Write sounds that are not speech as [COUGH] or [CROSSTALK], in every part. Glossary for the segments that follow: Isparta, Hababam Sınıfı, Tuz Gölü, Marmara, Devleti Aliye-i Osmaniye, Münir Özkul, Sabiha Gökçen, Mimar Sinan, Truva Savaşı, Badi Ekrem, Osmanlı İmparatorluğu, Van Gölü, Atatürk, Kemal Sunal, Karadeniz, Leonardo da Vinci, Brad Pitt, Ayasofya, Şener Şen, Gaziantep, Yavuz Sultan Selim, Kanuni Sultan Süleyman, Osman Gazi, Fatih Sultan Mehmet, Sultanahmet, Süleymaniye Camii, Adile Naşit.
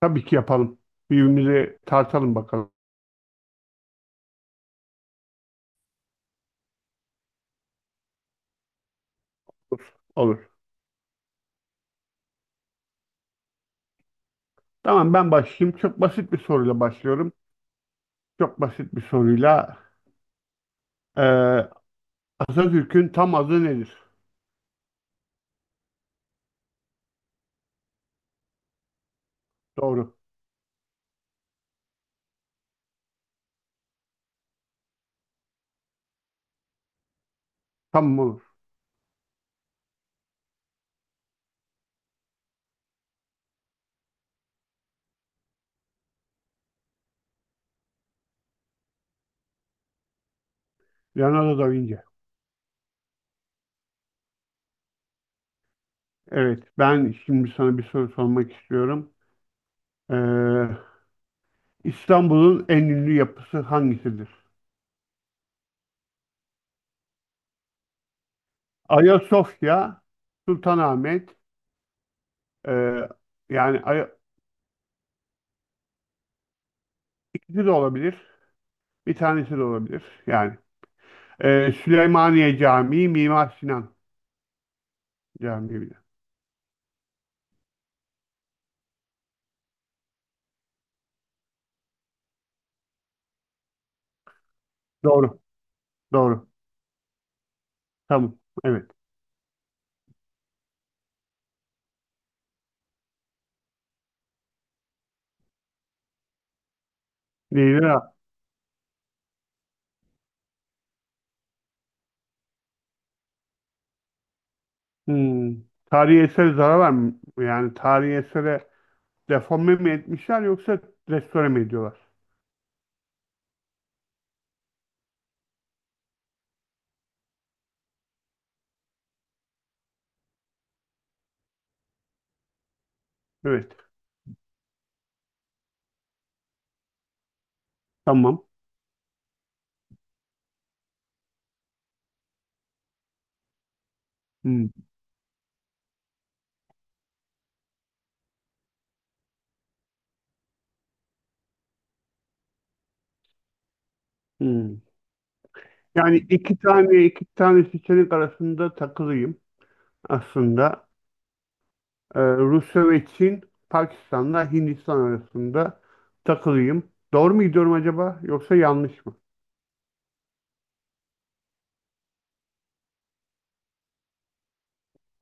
Tabii ki yapalım. Birbirimize tartalım bakalım. Olur. Olur. Tamam, ben başlayayım. Çok basit bir soruyla başlıyorum. Çok basit bir soruyla. Ee, Atatürk'ün tam adı nedir? Doğru. Tamam, olur. Leonardo da Vinci. Evet, ben şimdi sana bir soru sormak istiyorum. Ee, İstanbul'un en ünlü yapısı hangisidir? Ayasofya, Sultanahmet, ee, yani ikisi de olabilir. Bir tanesi de olabilir. Yani. Süleymaniye Camii, Mimar Sinan. Camiye Doğru. Doğru. Tamam. Evet. Değildir ha. Hmm. Tarihi eser zarar var mı? Yani tarihi esere deforme mi etmişler yoksa restore mi ediyorlar? Evet. Tamam. Hmm. Hmm. Yani iki tane seçenek arasında takılıyım aslında. Rusya ve Çin, Pakistan'la Hindistan arasında takılıyım. Doğru mu gidiyorum acaba yoksa yanlış mı?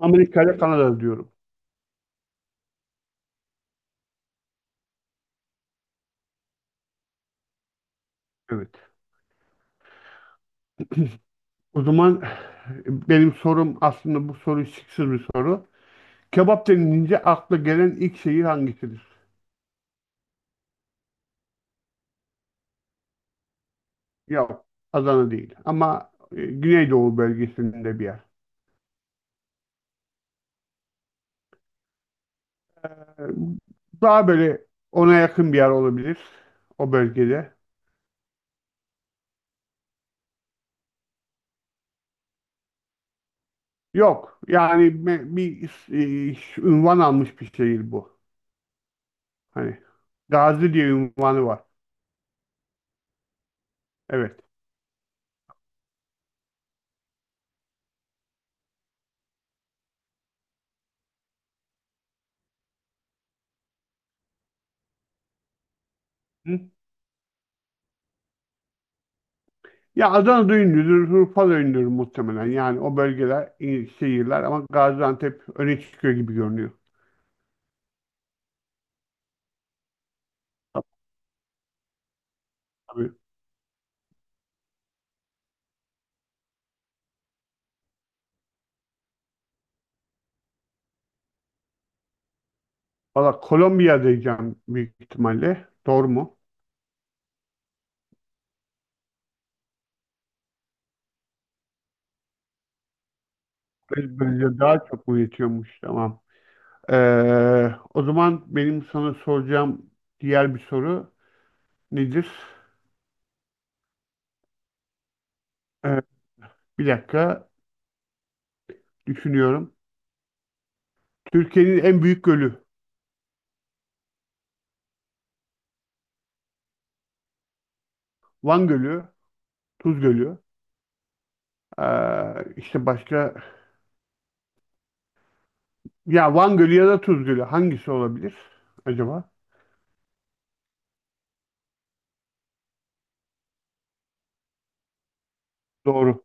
Amerika ile Kanada diyorum. Evet. O zaman benim sorum aslında bu soru şıksız bir soru. Kebap denilince akla gelen ilk şehir hangisidir? Yok, Adana değil ama Güneydoğu bölgesinde bir yer. E, Daha böyle ona yakın bir yer olabilir o bölgede. Yok, yani bir ünvan almış bir şehir bu. Hani Gazi diye ünvanı var. Evet. Ya Adana ünlüdür, Urfa da ünlüdür muhtemelen. Yani o bölgeler, iyi şehirler ama Gaziantep öne çıkıyor gibi görünüyor. Tabii. Valla Kolombiya diyeceğim büyük ihtimalle. Doğru mu? Brezilya daha çok mu yetiyormuş? Tamam. O zaman benim sana soracağım diğer bir soru nedir? Ee, Bir dakika düşünüyorum. Türkiye'nin en büyük gölü. Van Gölü, Tuz Gölü. İşte başka Ya Van Gölü ya da Tuz Gölü hangisi olabilir acaba? Doğru.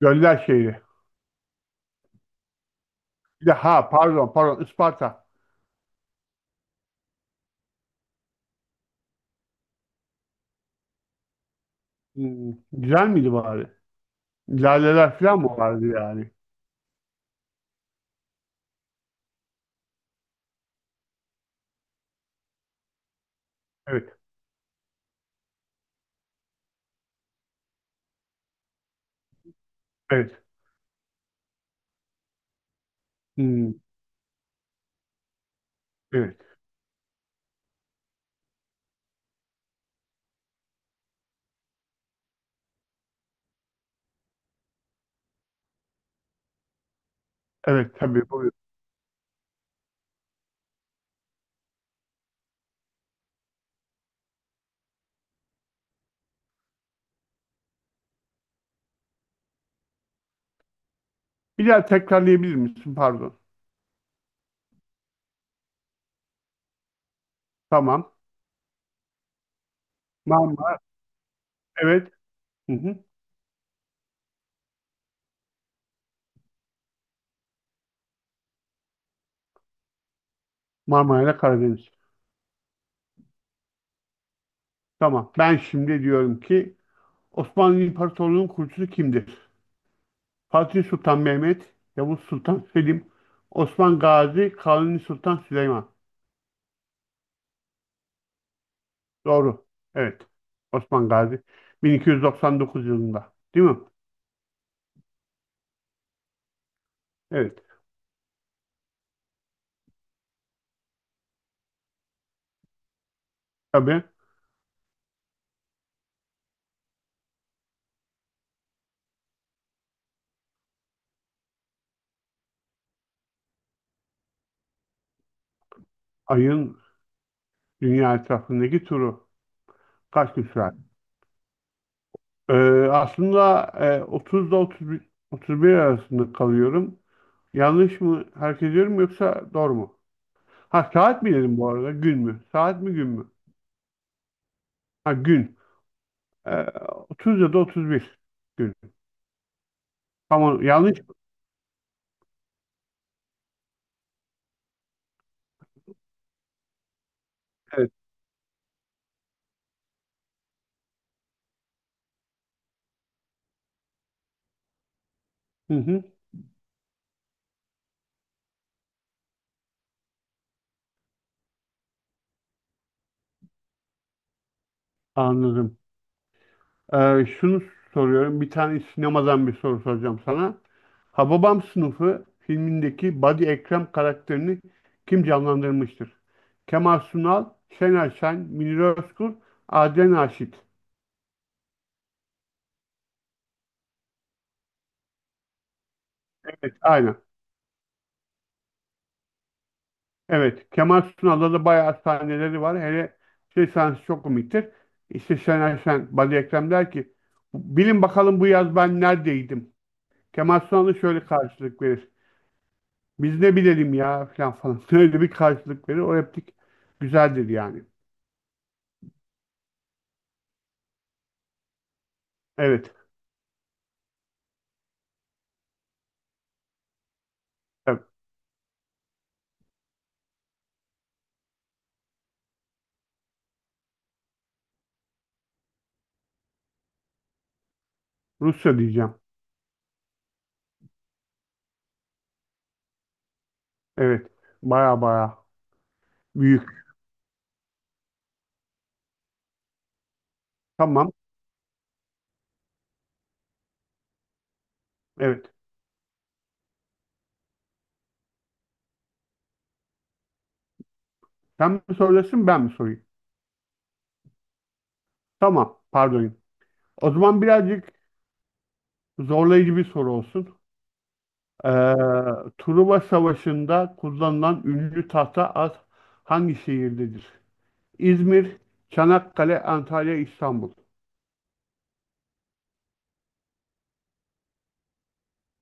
Göller şehri. Bir de ha, pardon, Isparta. Hmm, güzel miydi bari? Laleler falan mı vardı yani? Evet. Evet. Hmm, evet. Evet, tabii. Buyur. Bir daha tekrarlayabilir misin? Pardon. Tamam. Marmara. Evet. Hı hı. Marmara ile Karadeniz. Tamam. Ben şimdi diyorum ki Osmanlı İmparatorluğu'nun kurucusu kimdir? Fatih Sultan Mehmet, Yavuz Sultan Selim, Osman Gazi, Kanuni Sultan Süleyman. Doğru. Evet. Osman Gazi 1299 yılında. Değil mi? Evet. Tabii, ayın dünya etrafındaki turu kaç gün sürer? Ee, aslında 30'da 31, 31 arasında kalıyorum. Yanlış mı hareket ediyorum yoksa doğru mu? Ha, saat mi dedim bu arada? Gün mü? Saat mi, gün mü? Ha, gün. Ee, 30 ya da 31 gün. Tamam, yanlış mı? Evet. Hı hı, anladım. Şunu soruyorum. Bir tane sinemadan bir soru soracağım sana. Hababam Sınıfı filmindeki Badi Ekrem karakterini kim canlandırmıştır? Kemal Sunal, Şener Şen, Münir Özkul, Adile Naşit. Evet, aynen. Evet, Kemal Sunal'da da bayağı sahneleri var. Hele şey sahnesi çok komiktir. İşte Şener Şen, Badi Ekrem der ki, bilin bakalım bu yaz ben neredeydim? Kemal Sunal'ı şöyle karşılık verir. Biz ne bilelim ya, falan falan. [LAUGHS] Öyle bir karşılık verir. O replik güzeldir yani. Evet. Evet. Rusya diyeceğim. Evet. Baya baya büyük. Tamam. Evet. Sen mi soruyorsun, ben mi sorayım? Tamam. Pardon. O zaman birazcık zorlayıcı bir soru olsun. Ee, Truva Savaşı'nda kullanılan ünlü tahta at hangi şehirdedir? İzmir, Çanakkale, Antalya, İstanbul.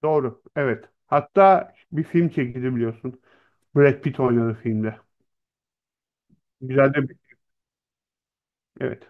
Doğru. Evet. Hatta bir film çekildi biliyorsun. Brad Pitt oynadı filmde. Güzel de bir... Evet.